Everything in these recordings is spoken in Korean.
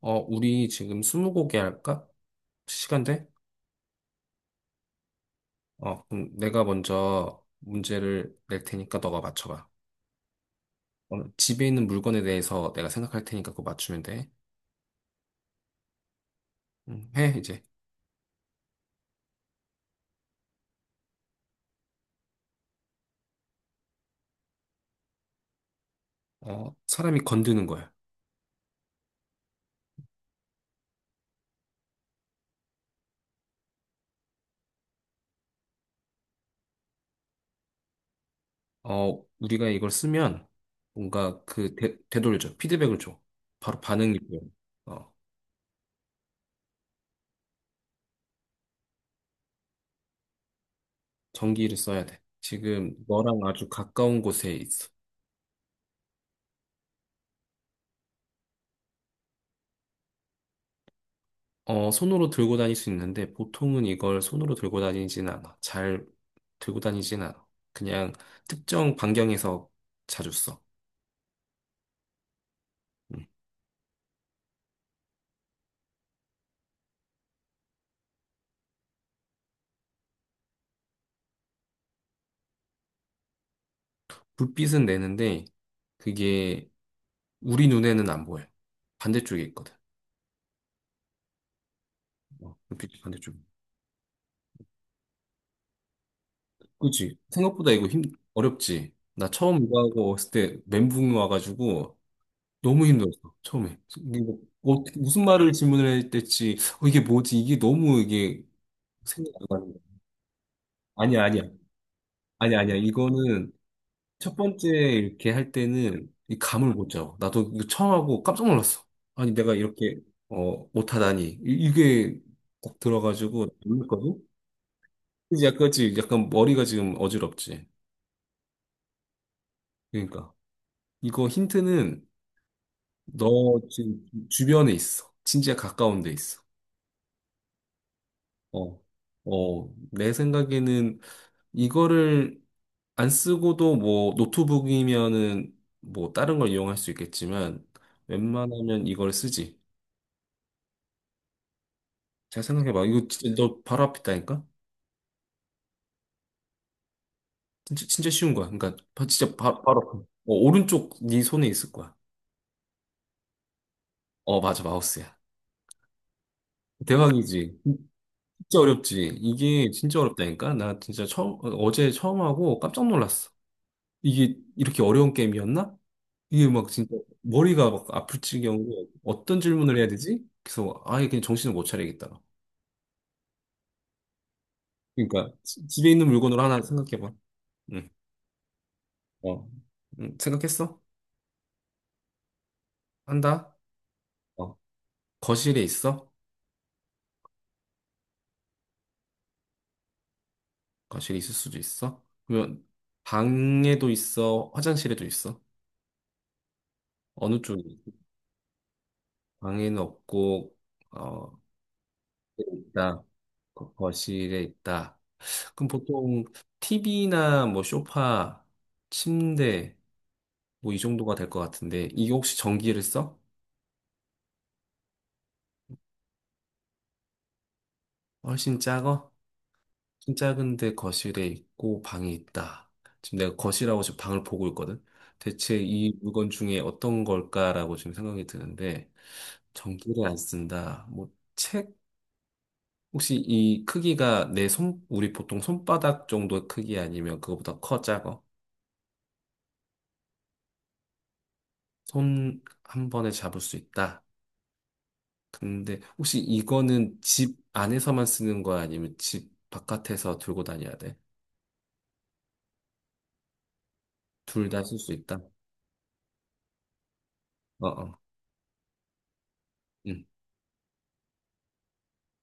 우리 지금 스무고개 할까? 시간 돼? 그럼 내가 먼저 문제를 낼 테니까 너가 맞춰봐. 집에 있는 물건에 대해서 내가 생각할 테니까 그거 맞추면 돼. 해, 이제. 사람이 건드는 거야. 우리가 이걸 쓰면 뭔가 되돌려 줘. 피드백을 줘. 바로 반응이 보여. 어, 전기를 써야 돼. 지금 너랑 아주 가까운 곳에 있어. 손으로 들고 다닐 수 있는데 보통은 이걸 손으로 들고 다니진 않아. 잘 들고 다니진 않아. 그냥 특정 반경에서 자주 써. 음. 불빛은 내는데 그게 우리 눈에는 안 보여. 반대쪽에 있거든. 불빛 반대쪽. 그치? 어렵지? 나 처음 이거 하고 왔을 때 멘붕이 와가지고 너무 힘들었어. 처음에. 이거 무슨 말을 질문을 해야 될지, 어, 이게 뭐지? 이게 너무 이게 생각이 안 나는 거야. 아니야. 아니, 아니야. 이거는 첫 번째 이렇게 할 때는 이 감을 못 잡아. 나도 이거 처음 하고 깜짝 놀랐어. 아니, 내가 이렇게, 어, 못하다니. 이게 딱 들어가지고 놀랐거든? 이제 약간, 약간 머리가 지금 어지럽지. 그러니까. 이거 힌트는 너 지금 주변에 있어. 진짜 가까운 데 있어. 어, 어, 내 생각에는 이거를 안 쓰고도 뭐 노트북이면은 뭐 다른 걸 이용할 수 있겠지만 웬만하면 이걸 쓰지. 잘 생각해봐. 이거 진짜 너 바로 앞 있다니까 진짜, 쉬운 거야. 그러니까 진짜 바로 앞. 어, 오른쪽 네 손에 있을 거야. 어, 맞아. 마우스야. 대박이지. 진짜 어렵지. 이게 진짜 어렵다니까? 나 진짜 처음, 어, 어제 처음 하고 깜짝 놀랐어. 이게 이렇게 어려운 게임이었나? 이게 막 진짜 머리가 막 아플 지경으로 어떤 질문을 해야 되지? 그래서 아예 그냥 정신을 못 차리겠다. 그러니까 집에 있는 물건으로 하나 생각해봐. 응. 어. 응. 생각했어? 한다? 어. 거실에 있어? 거실에 있을 수도 있어? 그러면 방에도 있어? 화장실에도 있어? 어느 쪽에 있어? 방에는 없고 어 있다. 거실에 있다. 그럼 보통 TV나 뭐 소파, 침대 뭐 이 정도가 될 것 같은데 이게 혹시 전기를 써? 훨씬 작아? 진 작은데 거실에 있고 방이 있다. 지금 내가 거실하고 지금 방을 보고 있거든. 대체 이 물건 중에 어떤 걸까라고 지금 생각이 드는데 전기를 안 쓴다. 뭐 책? 혹시 이 크기가 내 손, 우리 보통 손바닥 정도의 크기 아니면 그거보다 커, 작아? 손 한 번에 잡을 수 있다. 근데 혹시 이거는 집 안에서만 쓰는 거야? 아니면 집 바깥에서 들고 다녀야 돼? 둘 다 쓸 수 있다? 어어.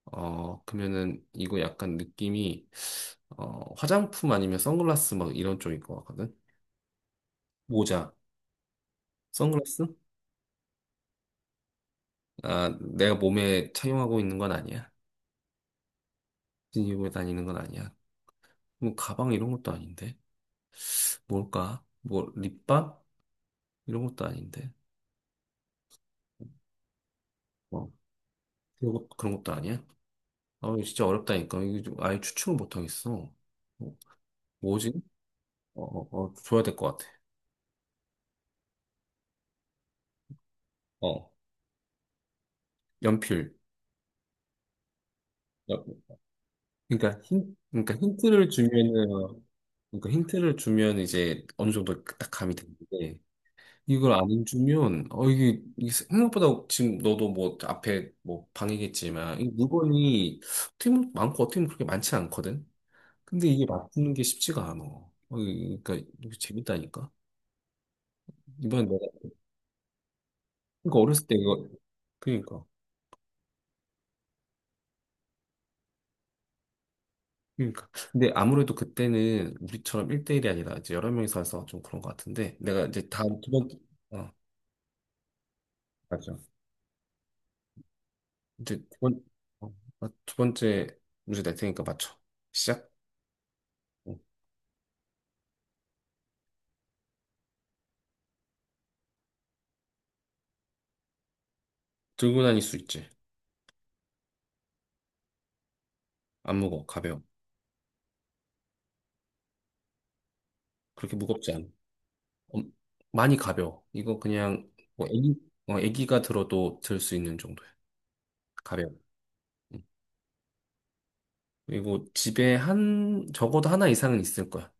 어, 그러면은 이거 약간 느낌이 어, 화장품 아니면 선글라스 막 이런 쪽인 것 같거든? 모자, 선글라스? 아, 내가 몸에 착용하고 있는 건 아니야. 지니고 다니는 건 아니야. 뭐 가방 이런 것도 아닌데. 뭘까? 뭐 립밤? 이런 것도 아닌데. 어, 그런 것도 아니야? 아, 이거 진짜 어렵다니까. 이거 좀 아예 추측을 못 하겠어. 어, 뭐지? 어, 줘야 될 것 같아. 어, 연필. 그러니까 힌트를 주면은 그러니까 힌트를 주면 이제 어느 정도 딱 감이 되는데 이걸 안 주면 어 이게 생각보다 지금 너도 뭐 앞에 뭐 방이겠지만 이 물건이 어떻게 보면 많고 어떻게 보면 그렇게 많지 않거든. 근데 이게 맞추는 게 쉽지가 않아. 그러니까 이거 재밌다니까. 이번에 내가 그러니까 어렸을 때 이거 그러니까 그러니까 근데 아무래도 그때는 우리처럼 1대1이 아니라 이제 여러 명이서 해서 좀 그런 것 같은데 내가 이제 다음 두 번째 어 맞아. 이제 두 번, 두 번째 문제 낼 테니까 맞춰. 시작. 어. 들고 다닐 수 있지. 안 무거워. 가벼워. 그렇게 무겁지 않아. 엄- 많이 가벼워. 이거 그냥 뭐 애기, 어, 애기가 들어도 들 수 있는 정도야. 가벼워. 응. 그리고 집에 한, 적어도 하나 이상은 있을 거야.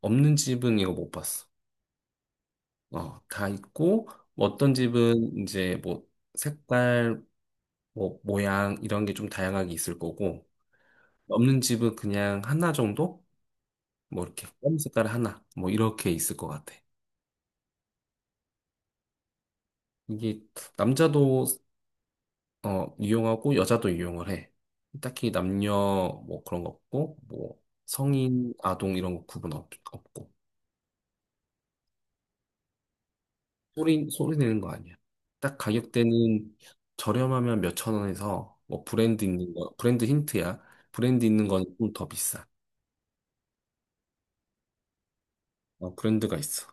없는 집은 이거 못 봤어. 어, 다 있고, 뭐 어떤 집은 이제 뭐 색깔, 뭐 모양 이런 게 좀 다양하게 있을 거고, 없는 집은 그냥 하나 정도? 뭐 이렇게 껌 색깔 하나 뭐 이렇게 있을 것 같아. 이게 남자도 어 이용하고 여자도 이용을 해. 딱히 남녀 뭐 그런 거 없고 뭐 성인 아동 이런 거 없고 소리 내는 거 아니야. 딱 가격대는 저렴하면 몇 천 원에서 뭐 브랜드 있는 거 브랜드 힌트야. 브랜드 있는 건 좀 더 비싸. 어, 브랜드가 있어.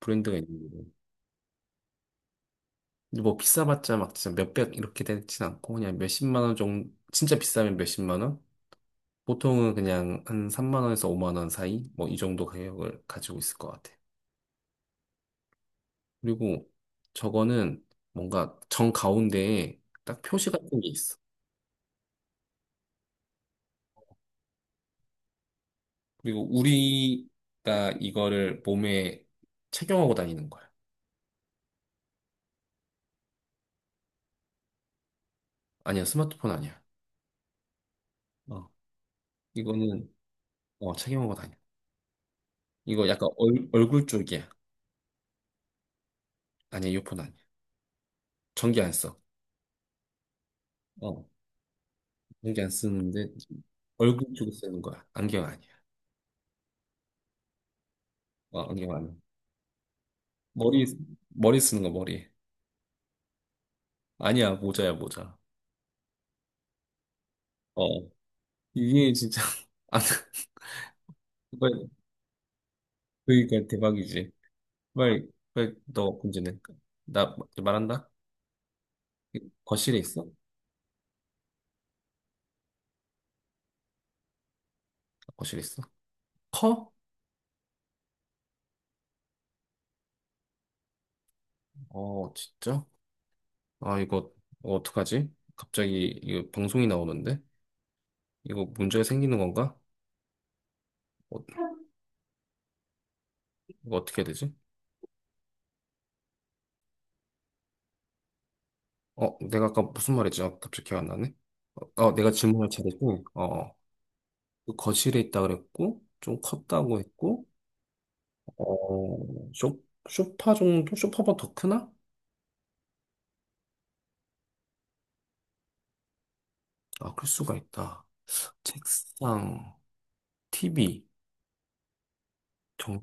브랜드가 있는 거. 근데 뭐 비싸봤자 막 진짜 몇 백 이렇게 되진 않고 그냥 몇십만 원 정도 진짜 비싸면 몇십만 원? 보통은 그냥 한 3만 원에서 5만 원 사이 뭐 이 정도 가격을 가지고 있을 것 같아. 그리고 저거는 뭔가 정 가운데에 딱 표시 같은 게 있어. 그리고 우리가 이거를 몸에 착용하고 다니는 거야. 아니야, 스마트폰 아니야. 어, 이거는 어, 착용하고 다녀. 이거 약간 얼굴 쪽이야. 아니야, 이어폰 아니야. 전기 안 써. 어, 전기 안 쓰는데 얼굴 쪽에 쓰는 거야. 안경 아니야. 어, 안경 아니야. 머리 머리 쓰는 거 머리. 아니야, 모자야, 모자. 어. 이게 진짜, 아, 정말, 그니까 대박이지. 너 문제는. 나 말한다? 거실에 있어? 거실에 있어? 커? 어, 진짜? 아, 이거, 어, 어떡하지? 갑자기, 이거 방송이 나오는데? 이거 문제가 생기는 건가? 어, 이거 어떻게 해야 되지? 어, 내가 아까 무슨 말했지? 아, 갑자기 기억 안 나네? 어, 내가 질문할 차례고, 어. 그 거실에 있다 그랬고, 좀 컸다고 했고, 어, 쇼, 쇼파 정도? 쇼파보다 더 크나? 아, 클 수가 있다. 책상, TV, 정,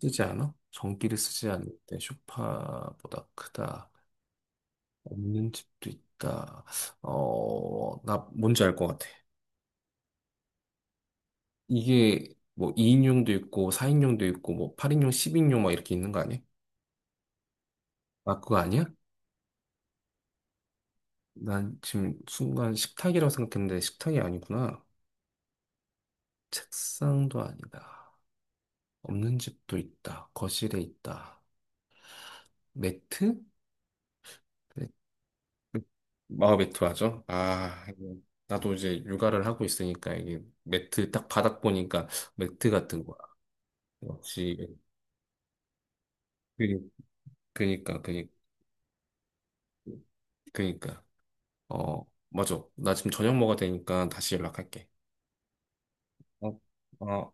쓰지 않아? 전기를 쓰지 않을 때 쇼파보다 크다. 없는 집도 있다. 어, 나 뭔지 알 것 같아. 이게 뭐 2인용도 있고, 4인용도 있고, 뭐 8인용, 10인용 막 이렇게 있는 거 아니야? 아, 그거 아니야? 난 지금 순간 식탁이라고 생각했는데 식탁이 아니구나. 책상도 아니다. 없는 집도 있다. 거실에 있다. 매트? 네. 아, 매트 하죠? 아, 이거 나도 이제 육아를 하고 있으니까 이게 매트 딱 바닥 보니까 매트 같은 거야. 역시, 그, 그니까, 그니, 그니까. 어, 맞아. 나 지금 저녁 먹어야 되니까 다시 연락할게. 어, 어.